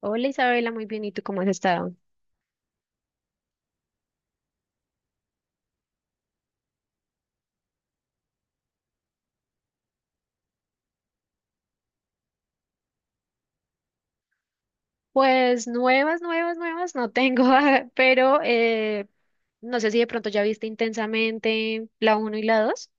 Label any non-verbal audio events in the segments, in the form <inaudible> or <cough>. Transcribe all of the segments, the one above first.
Hola Isabela, muy bien. ¿Y tú cómo has estado? Pues nuevas, nuevas, nuevas no tengo, <laughs> pero no sé si de pronto ya viste Intensamente la uno y la dos.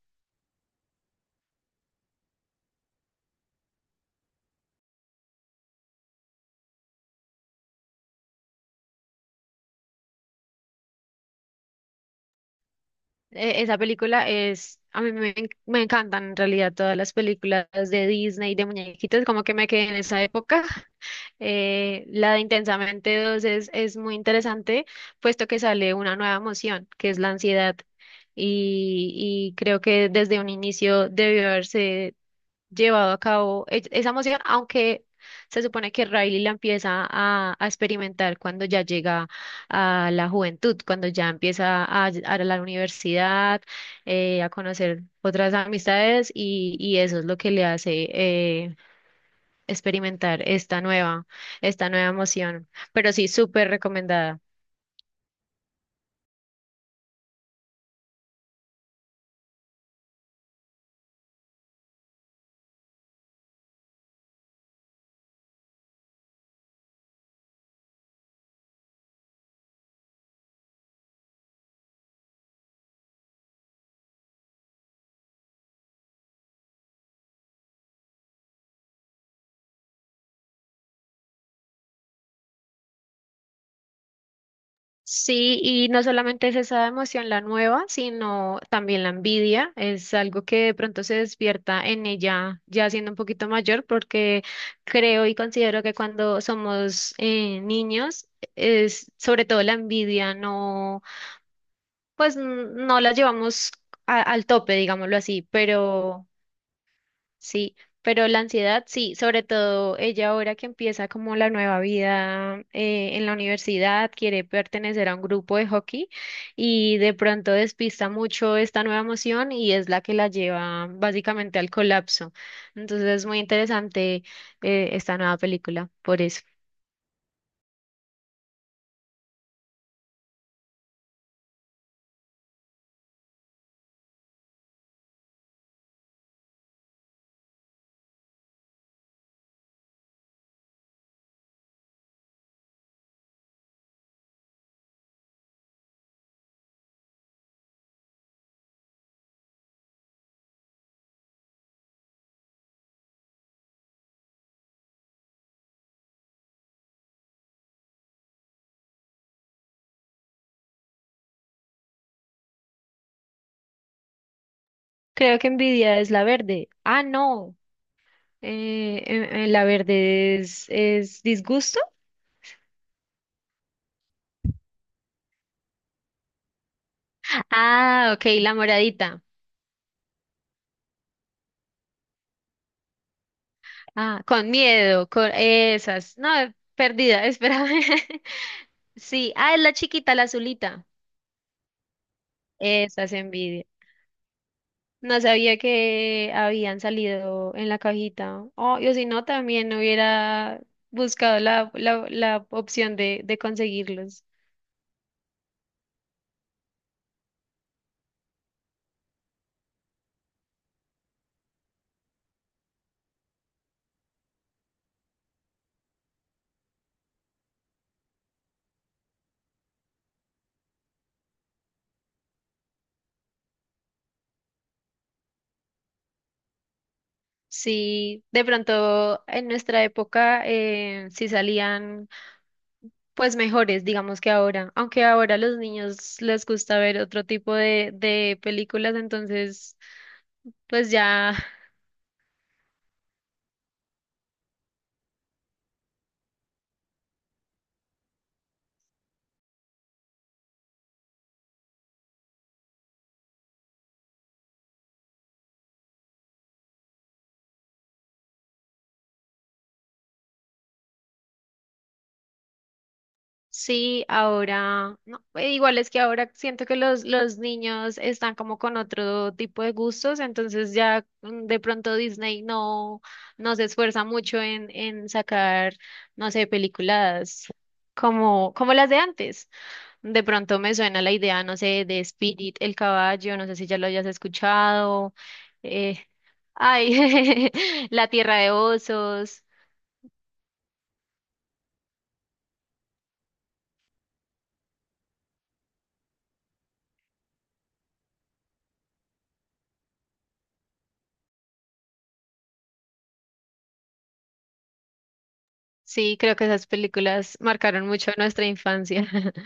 Esa película es, a mí me, me encantan en realidad todas las películas de Disney, de muñequitos, como que me quedé en esa época. <laughs> La de Intensamente dos es muy interesante, puesto que sale una nueva emoción, que es la ansiedad. Y creo que desde un inicio debió haberse llevado a cabo esa emoción, aunque se supone que Riley la empieza a experimentar cuando ya llega a la juventud, cuando ya empieza a la universidad, a conocer otras amistades y eso es lo que le hace experimentar esta nueva emoción. Pero sí, súper recomendada. Sí, y no solamente es esa emoción la nueva, sino también la envidia. Es algo que de pronto se despierta en ella ya siendo un poquito mayor, porque creo y considero que cuando somos niños, es sobre todo la envidia, no, pues no la llevamos al tope, digámoslo así, pero sí, pero la ansiedad, sí, sobre todo ella ahora que empieza como la nueva vida en la universidad, quiere pertenecer a un grupo de hockey y de pronto despista mucho esta nueva emoción y es la que la lleva básicamente al colapso. Entonces es muy interesante esta nueva película, por eso. Creo que Envidia es la verde. Ah, no, la verde es disgusto. Ah, ok, la moradita. Ah, con miedo, con esas. No, perdida, <laughs> espérame. Sí, ah, es la chiquita, la azulita. Esas envidia. No sabía que habían salido en la cajita. Oh, yo si no, también hubiera buscado la opción de conseguirlos. Sí, de pronto en nuestra época sí salían pues mejores, digamos que ahora. Aunque ahora a los niños les gusta ver otro tipo de películas, entonces. Pues ya, sí, ahora, no, igual es que ahora siento que los niños están como con otro tipo de gustos, entonces ya de pronto Disney no, no se esfuerza mucho en sacar, no sé, películas como las de antes. De pronto me suena la idea, no sé, de Spirit, el caballo, no sé si ya lo hayas escuchado, eh, ay, <laughs> La Tierra de Osos. Sí, creo que esas películas marcaron mucho nuestra infancia. <laughs>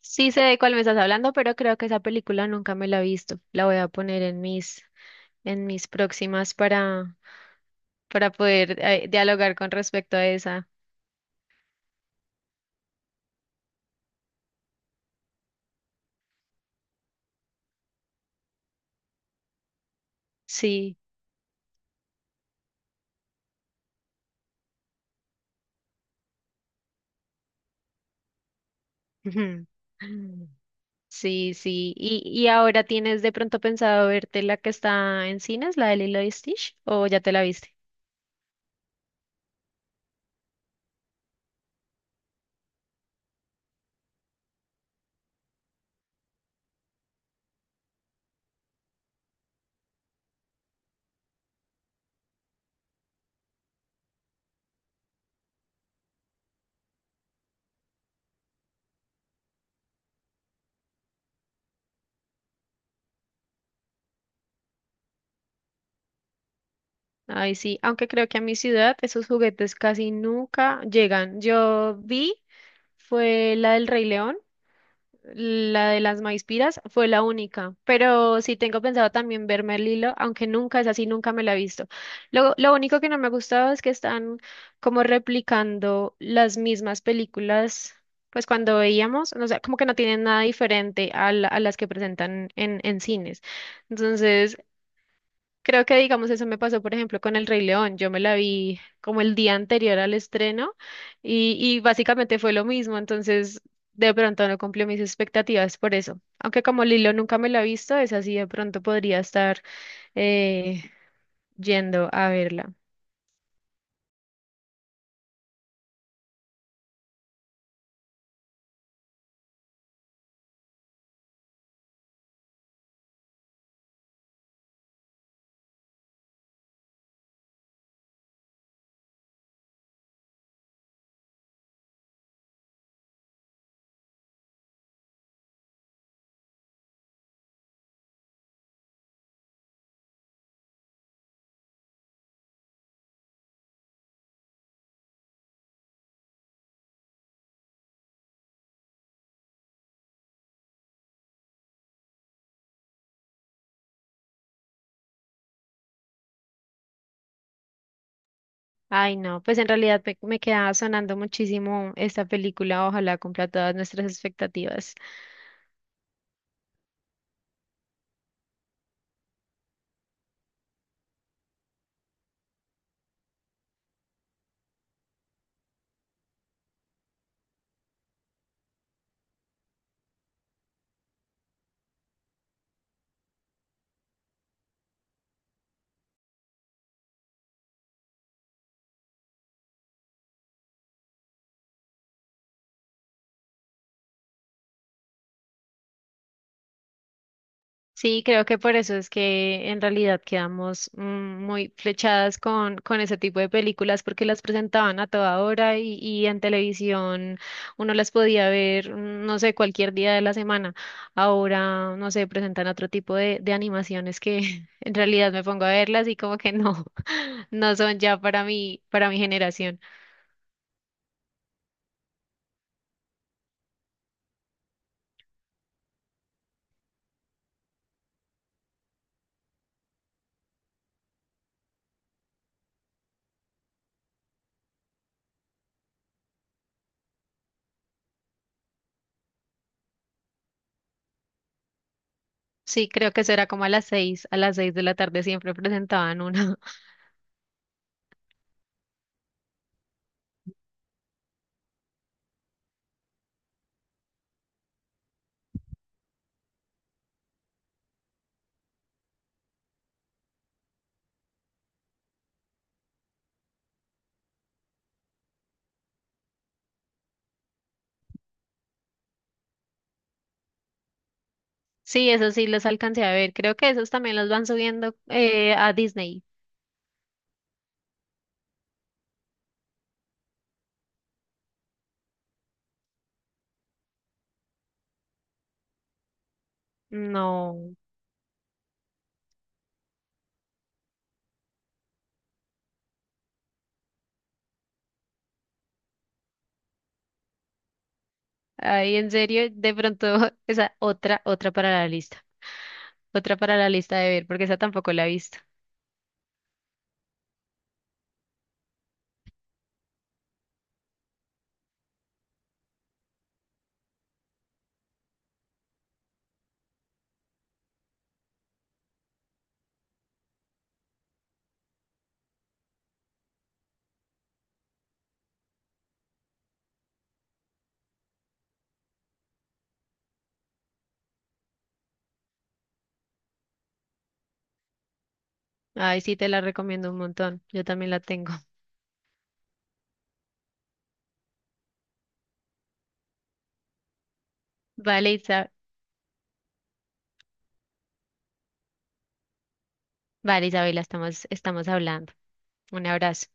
Sí sé de cuál me estás hablando, pero creo que esa película nunca me la he visto. La voy a poner en mis, próximas para poder dialogar con respecto a esa. Sí. <laughs> Sí, sí. ¿Y ahora tienes de pronto pensado verte la que está en cines, la de Lilo y Stitch, o ya te la viste? Ay, sí, aunque creo que a mi ciudad esos juguetes casi nunca llegan. Yo vi, fue la del Rey León, la de las Maispiras fue la única, pero sí tengo pensado también verme el hilo, aunque nunca es así, nunca me la he visto. Lo único que no me ha gustado es que están como replicando las mismas películas, pues cuando veíamos, o sea, como que no tienen nada diferente a, a las que presentan en cines. Entonces, creo que, digamos, eso me pasó, por ejemplo, con El Rey León. Yo me la vi como el día anterior al estreno y básicamente fue lo mismo. Entonces, de pronto no cumplió mis expectativas por eso. Aunque como Lilo nunca me la he visto, es así, de pronto podría estar eh, yendo a verla. Ay, no, pues en realidad me queda sonando muchísimo esta película. Ojalá cumpla todas nuestras expectativas. Sí, creo que por eso es que en realidad quedamos muy flechadas con ese tipo de películas porque las presentaban a toda hora y en televisión uno las podía ver, no sé, cualquier día de la semana. Ahora, no sé, presentan otro tipo de animaciones que <laughs> en realidad me pongo a verlas y como que no, <laughs> no son ya para mí, para mi generación. Sí, creo que eso era como a las 6, a las 6 de la tarde siempre presentaban una. Sí, eso sí los alcancé a ver. Creo que esos también los van subiendo a Disney. No, ahí en serio, de pronto <laughs> esa otra para la lista, otra para la lista de ver, porque esa tampoco la he visto. Ay, sí, te la recomiendo un montón. Yo también la tengo. <laughs> Vale, Isa- vale, Isabela, estamos hablando. Un abrazo.